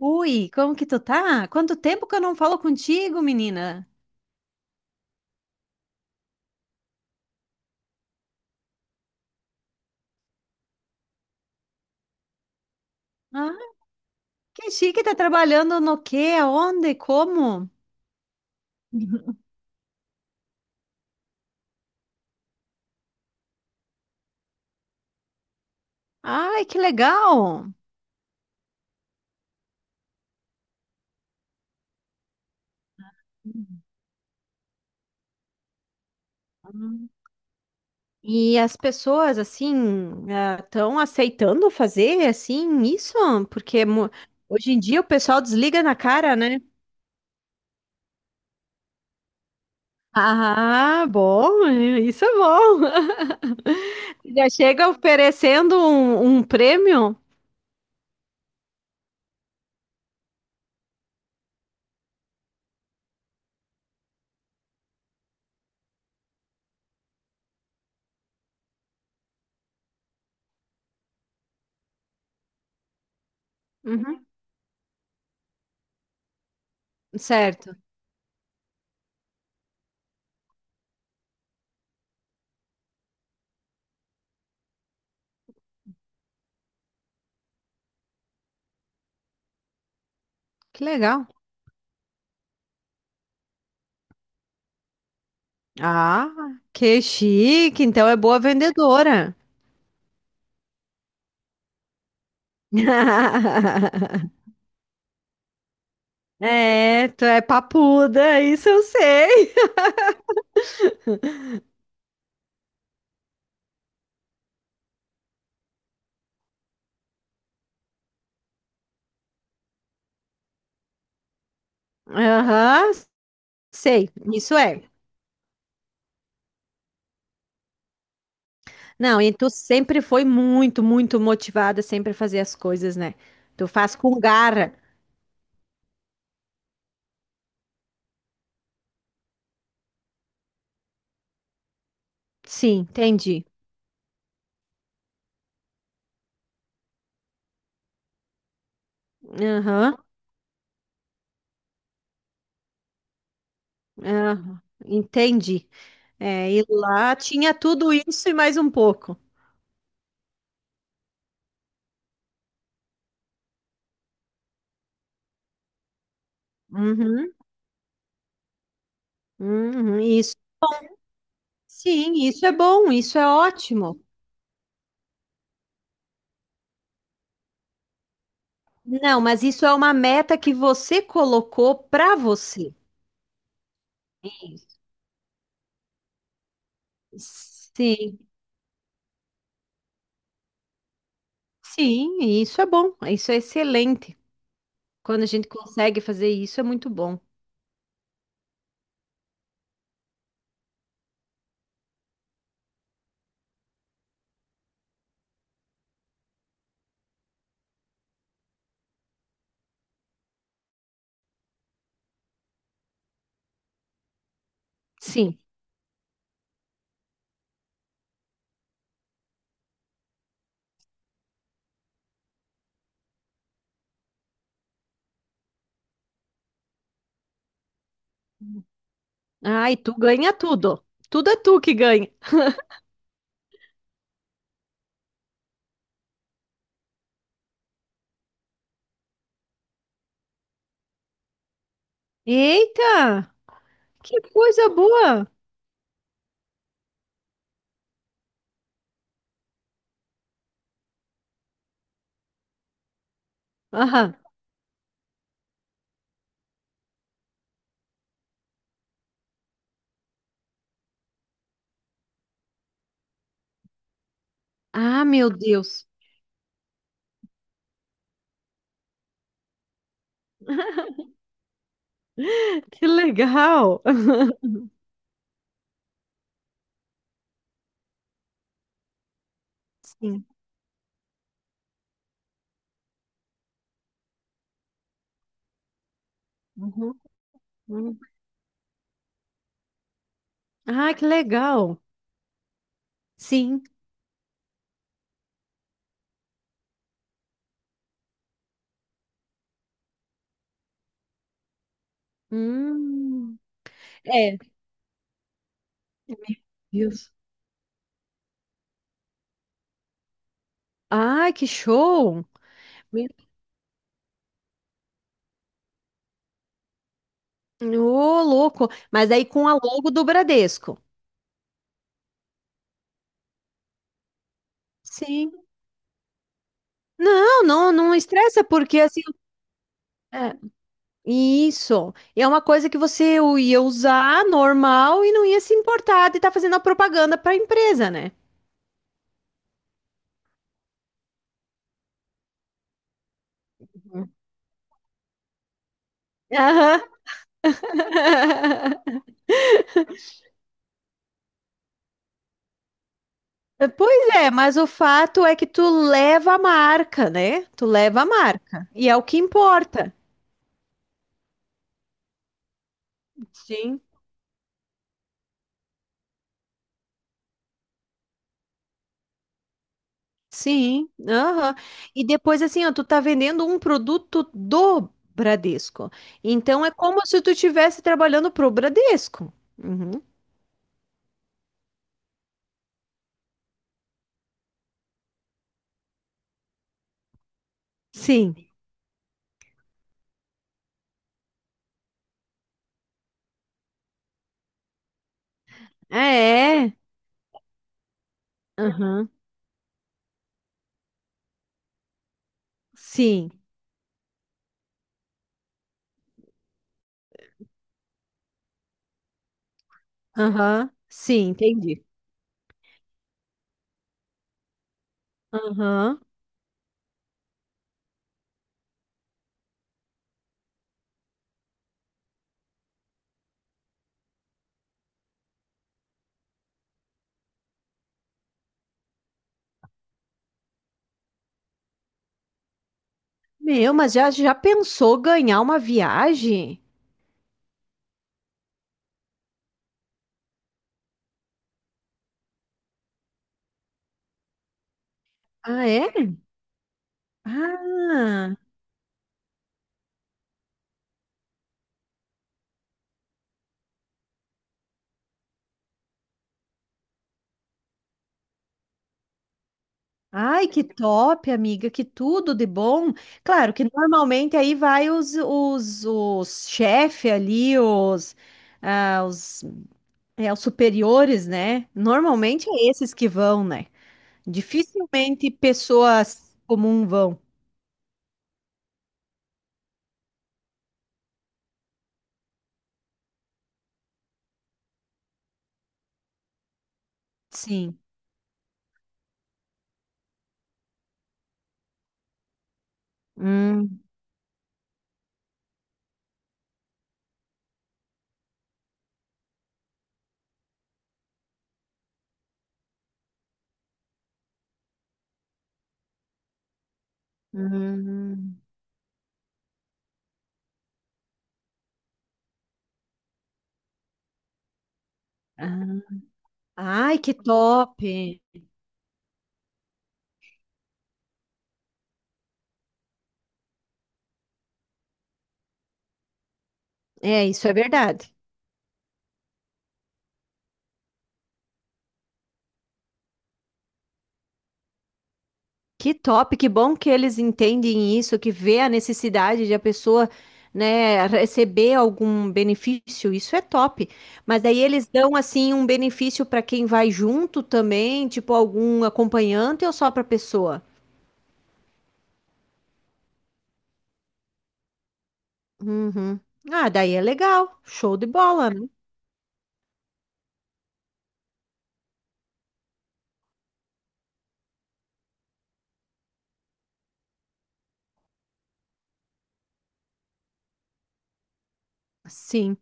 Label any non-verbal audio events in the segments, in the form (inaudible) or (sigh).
Ui, como que tu tá? Quanto tempo que eu não falo contigo, menina? Ah, que chique, tá trabalhando no quê? Aonde? Como? Ai, que legal! Uhum. E as pessoas, assim, estão aceitando fazer, assim, isso? Porque mu- Hoje em dia o pessoal desliga na cara, né? Ah, bom, isso é bom. (laughs) Já chega oferecendo um prêmio? Uhum. Certo, que legal. Ah, que chique. Então é boa vendedora. (laughs) É, tu é papuda, isso eu sei. Aham, sei, isso é. Não, e tu sempre foi muito motivada sempre a fazer as coisas, né? Tu faz com garra. Sim, entendi. Aham, aham, entendi. É, e lá tinha tudo isso e mais um pouco. Uhum, uhum, isso. Sim, isso é bom, isso é ótimo. Não, mas isso é uma meta que você colocou para você. Sim, sim, e isso é bom, isso é excelente. Quando a gente consegue fazer isso, é muito bom. Sim. Ah, e tu ganha tudo. Tudo é tu que ganha. Eita, que coisa boa. Aham. Ah, meu Deus, (laughs) que legal. Sim. Uhum, uhum. Ah, que legal. Sim. Hum. É, Deus. Ah, que show. Ô, louco. Mas aí com a logo do Bradesco. Sim. Não, não, não estressa, porque assim. É, isso. É uma coisa que você ia usar normal e não ia se importar de estar fazendo a propaganda para a empresa, né? Aham. (laughs) Pois é, mas o fato é que tu leva a marca, né? Tu leva a marca. E é o que importa. Sim. Sim, aham. E depois assim, ó, tu tá vendendo um produto do Bradesco. Então é como se tu estivesse trabalhando pro Bradesco. Uhum. Sim. É. Aham. Sim. Aham. Sim, entendi. Aham. Meu, mas já já pensou ganhar uma viagem? Ah, é? Ah. Ai, que top, amiga, que tudo de bom. Claro que normalmente aí vai os chefe ali, ah, os, os superiores, né? Normalmente é esses que vão, né? Dificilmente pessoas comuns vão. Sim. Hum, hum. Ah, ai, que top. É, isso é verdade. Que top, que bom que eles entendem isso, que vê a necessidade de a pessoa, né, receber algum benefício. Isso é top. Mas daí eles dão assim um benefício para quem vai junto também, tipo algum acompanhante ou só para pessoa? Uhum. Ah, daí é legal. Show de bola, né? Sim.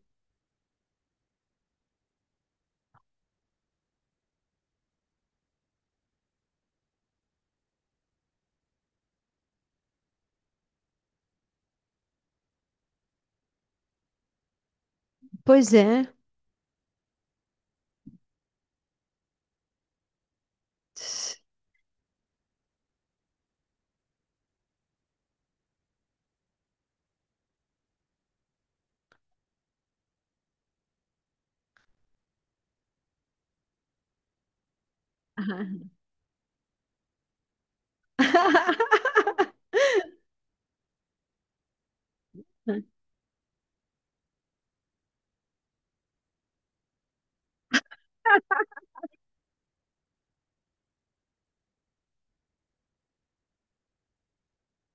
Pois é.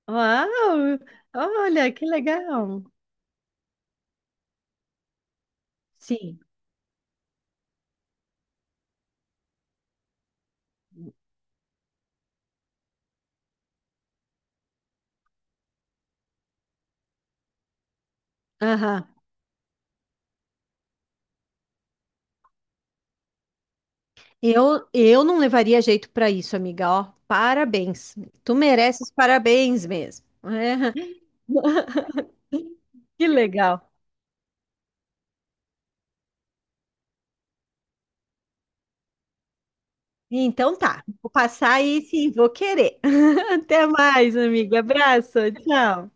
Uau! Olha, que legal. Sim. Aham. Eu não levaria jeito para isso, amiga. Ó, parabéns. Tu mereces parabéns mesmo. (laughs) Que legal. Então tá, vou passar aí sim, vou querer. (laughs) Até mais, amiga. Abraço, tchau.